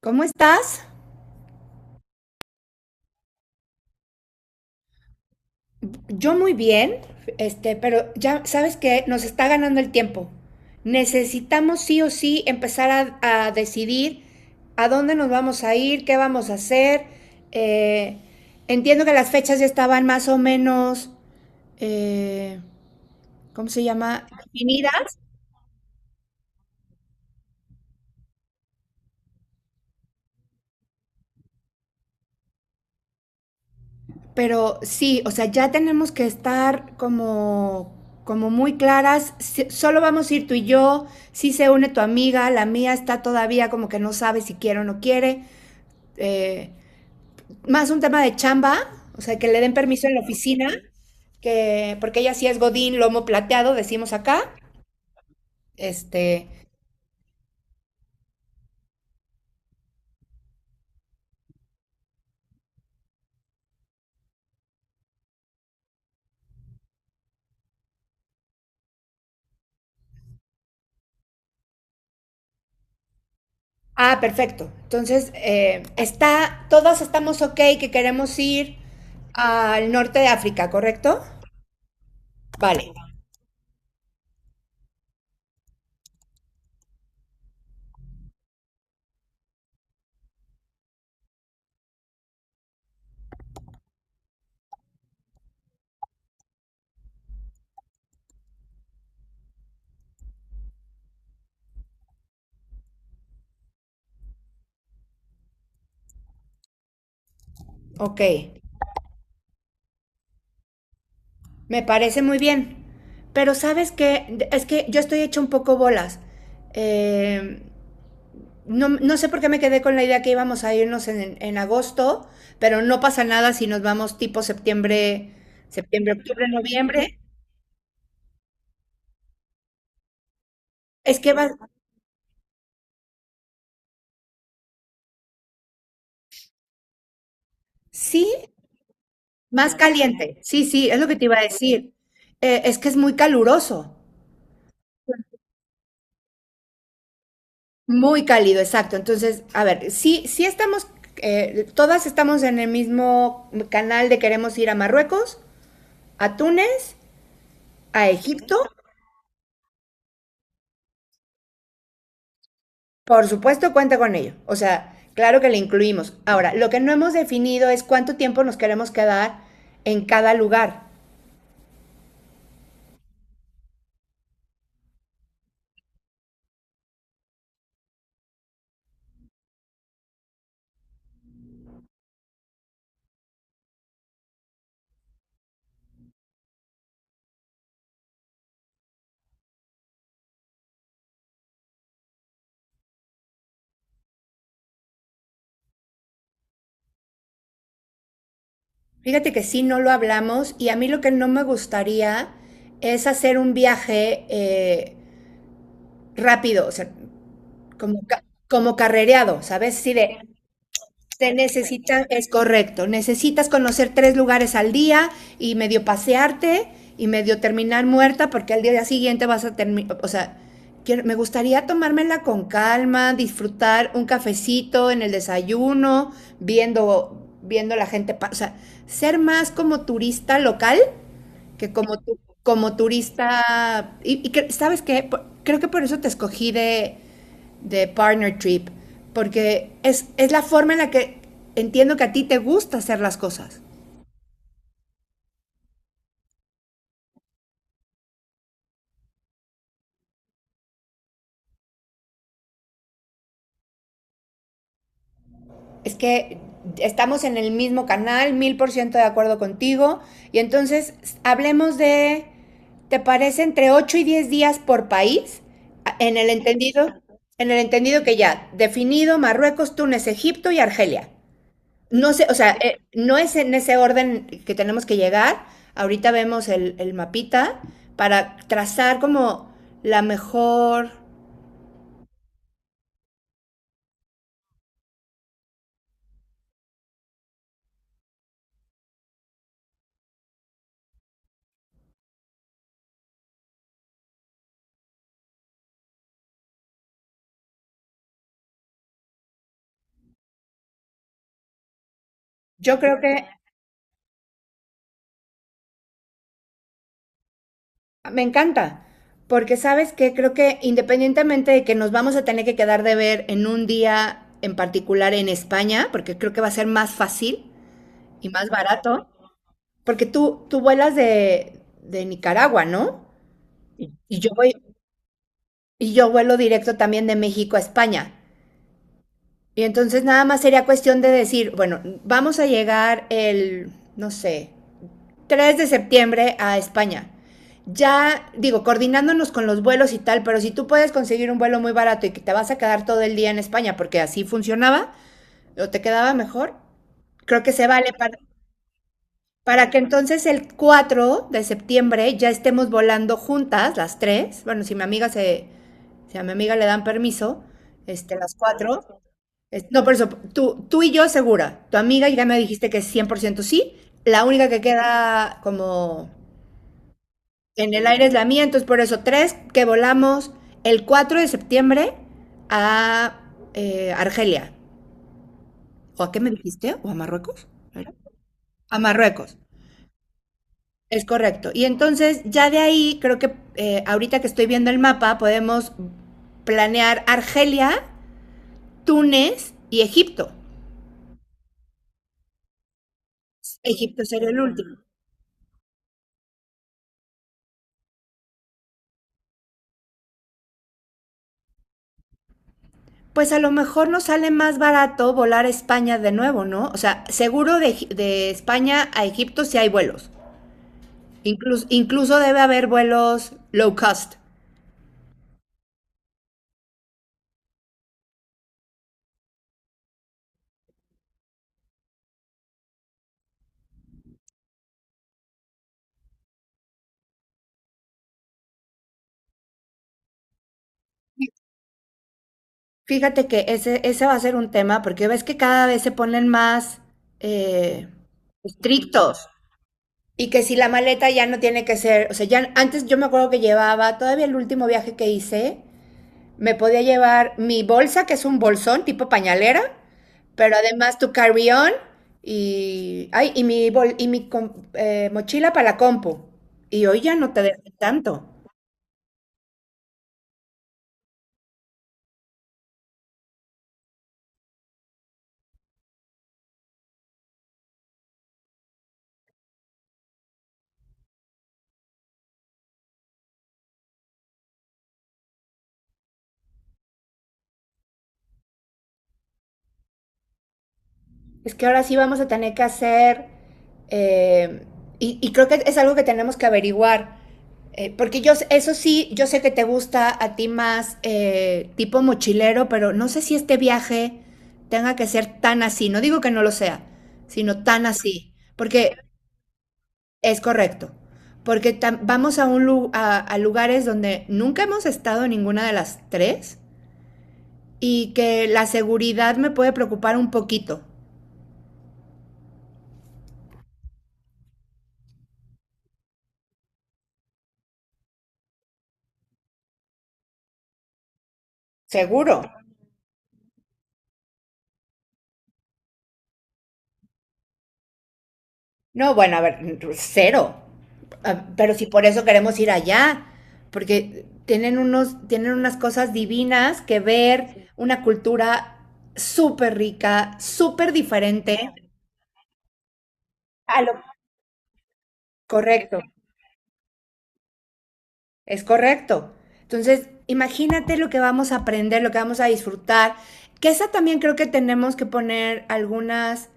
¿Cómo estás? Yo muy bien, pero ya sabes que nos está ganando el tiempo. Necesitamos sí o sí empezar a decidir a dónde nos vamos a ir, qué vamos a hacer. Eh, Entiendo que las fechas ya estaban más o menos, eh, ¿cómo se llama? Definidas. Pero sí, o sea, ya tenemos que estar como muy claras. Solo vamos a ir tú y yo. Si se une tu amiga, la mía está todavía como que no sabe si quiere o no quiere. Eh, Más un tema de chamba, o sea, que le den permiso en la oficina, que porque ella sí es Godín, lomo plateado, decimos acá. Este, ah, perfecto. Entonces, está, todas estamos ok que queremos ir al norte de África, ¿correcto? Vale, ok. Me parece muy bien. Pero sabes que es que yo estoy hecha un poco bolas. Eh, no, sé por qué me quedé con la idea que íbamos a irnos en agosto, pero no pasa nada si nos vamos tipo septiembre, septiembre, octubre, noviembre. Es que va, sí, más caliente. Sí, sí, es lo que te iba a decir. Es que es muy caluroso, muy cálido, exacto. Entonces, a ver, sí, sí estamos, todas estamos en el mismo canal de queremos ir a Marruecos, a Túnez, a Egipto, por supuesto cuenta con ello. O sea, claro que le incluimos. Ahora, lo que no hemos definido es cuánto tiempo nos queremos quedar en cada lugar. Fíjate que sí, no lo hablamos, y a mí lo que no me gustaría es hacer un viaje rápido, o sea, como, ca- como carrereado, ¿sabes? Sí, de Se necesitan, es correcto, necesitas conocer tres lugares al día y medio pasearte y medio terminar muerta porque al día siguiente vas a terminar, o sea, quiero, me gustaría tomármela con calma, disfrutar un cafecito en el desayuno, viendo la gente, o sea, ser más como turista local que como, como turista, ¿sabes qué? Creo que por eso te escogí de partner trip, porque es la forma en la que entiendo que a ti te gusta hacer las cosas. Es que estamos en el mismo canal, 1000% de acuerdo contigo, y entonces hablemos de, ¿te parece entre 8 y 10 días por país? En el entendido, en el entendido que ya, definido Marruecos, Túnez, Egipto y Argelia. No sé, o sea, no es en ese orden que tenemos que llegar. Ahorita vemos el mapita para trazar como la mejor. Yo creo que me encanta, porque sabes que creo que independientemente de que nos vamos a tener que quedar de ver en un día en particular en España, porque creo que va a ser más fácil y más barato, porque tú vuelas de Nicaragua, ¿no? Y yo voy, y yo vuelo directo también de México a España. Y entonces nada más sería cuestión de decir, bueno, vamos a llegar el, no sé, 3 de septiembre a España. Ya, digo, coordinándonos con los vuelos y tal, pero si tú puedes conseguir un vuelo muy barato y que te vas a quedar todo el día en España, porque así funcionaba, o te quedaba mejor, creo que se vale para que entonces el 4 de septiembre ya estemos volando juntas, las tres. Bueno, si mi amiga se, si a mi amiga le dan permiso, las cuatro, no, por eso, tú y yo segura. Tu amiga ya me dijiste que es 100% sí. La única que queda como en el aire es la mía. Entonces, por eso, tres que volamos el 4 de septiembre a Argelia. ¿O a qué me dijiste? ¿O a Marruecos? ¿Era? A Marruecos. Es correcto. Y entonces, ya de ahí, creo que ahorita que estoy viendo el mapa, podemos planear Argelia, Túnez y Egipto. Egipto sería el último. Pues a lo mejor nos sale más barato volar a España de nuevo, ¿no? O sea, seguro de España a Egipto sí hay vuelos. Incluso debe haber vuelos low cost. Fíjate que ese va a ser un tema porque ves que cada vez se ponen más eh, estrictos. Y que si la maleta ya no tiene que ser, o sea, ya antes yo me acuerdo que llevaba, todavía el último viaje que hice, me podía llevar mi bolsa, que es un bolsón tipo pañalera, pero además tu carry-on y, ay, mochila para la compu. Y hoy ya no te dejan tanto. Es que ahora sí vamos a tener que hacer, eh, y creo que es algo que tenemos que averiguar. Porque yo, eso sí, yo sé que te gusta a ti más tipo mochilero, pero no sé si este viaje tenga que ser tan así. No digo que no lo sea, sino tan así. Porque es correcto, porque vamos a, a lugares donde nunca hemos estado en ninguna de las tres y que la seguridad me puede preocupar un poquito. Seguro. No, bueno, a ver, cero. Ah, pero si por eso queremos ir allá, porque tienen unos, tienen unas cosas divinas que ver, una cultura súper rica, súper diferente. A lo correcto. Es correcto. Entonces, imagínate lo que vamos a aprender, lo que vamos a disfrutar, que esa también creo que tenemos que poner algunas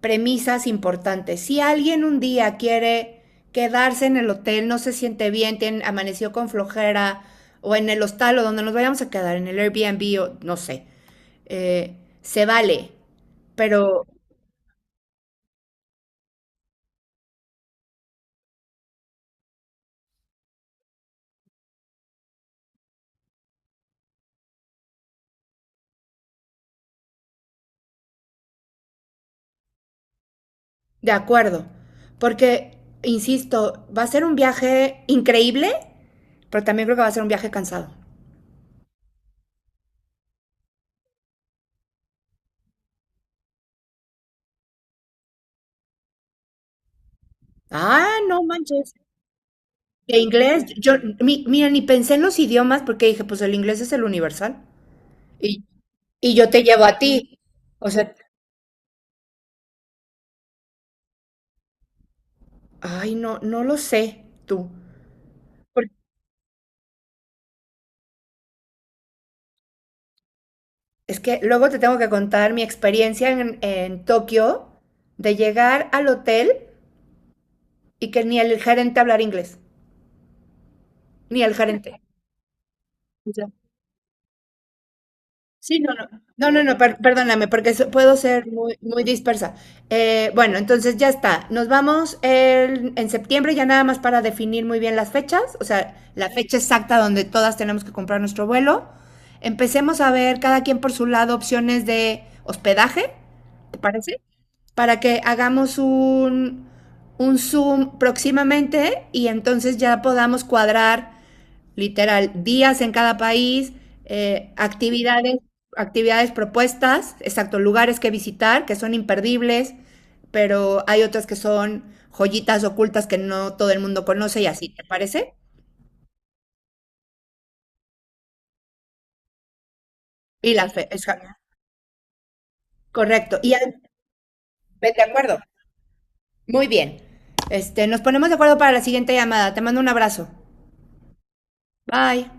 premisas importantes. Si alguien un día quiere quedarse en el hotel, no se siente bien, tiene, amaneció con flojera, o en el hostal o donde nos vayamos a quedar, en el Airbnb o no sé, eh, se vale, pero de acuerdo, porque, insisto, va a ser un viaje increíble, pero también creo que va a ser un viaje cansado. Ah, no manches. De inglés, yo, mira, ni pensé en los idiomas porque dije, pues el inglés es el universal. Y, y yo te llevo a ti. O sea, ay, no, no lo sé tú. Por- es que luego te tengo que contar mi experiencia en Tokio de llegar al hotel y que ni el gerente hablar inglés, ni el gerente. Sí, no, no, no, no, no, perdóname, porque puedo ser muy, muy dispersa. Bueno, entonces ya está. Nos vamos en septiembre ya nada más para definir muy bien las fechas, o sea, la fecha exacta donde todas tenemos que comprar nuestro vuelo. Empecemos a ver cada quien por su lado opciones de hospedaje, ¿te parece? Para que hagamos un Zoom próximamente y entonces ya podamos cuadrar literal, días en cada país, actividades, actividades propuestas, exacto, lugares que visitar que son imperdibles, pero hay otras que son joyitas ocultas que no todo el mundo conoce y así, ¿te parece? Y las fe, exa- Correcto. Ve, de acuerdo. Muy bien. Nos ponemos de acuerdo para la siguiente llamada. Te mando un abrazo. Bye.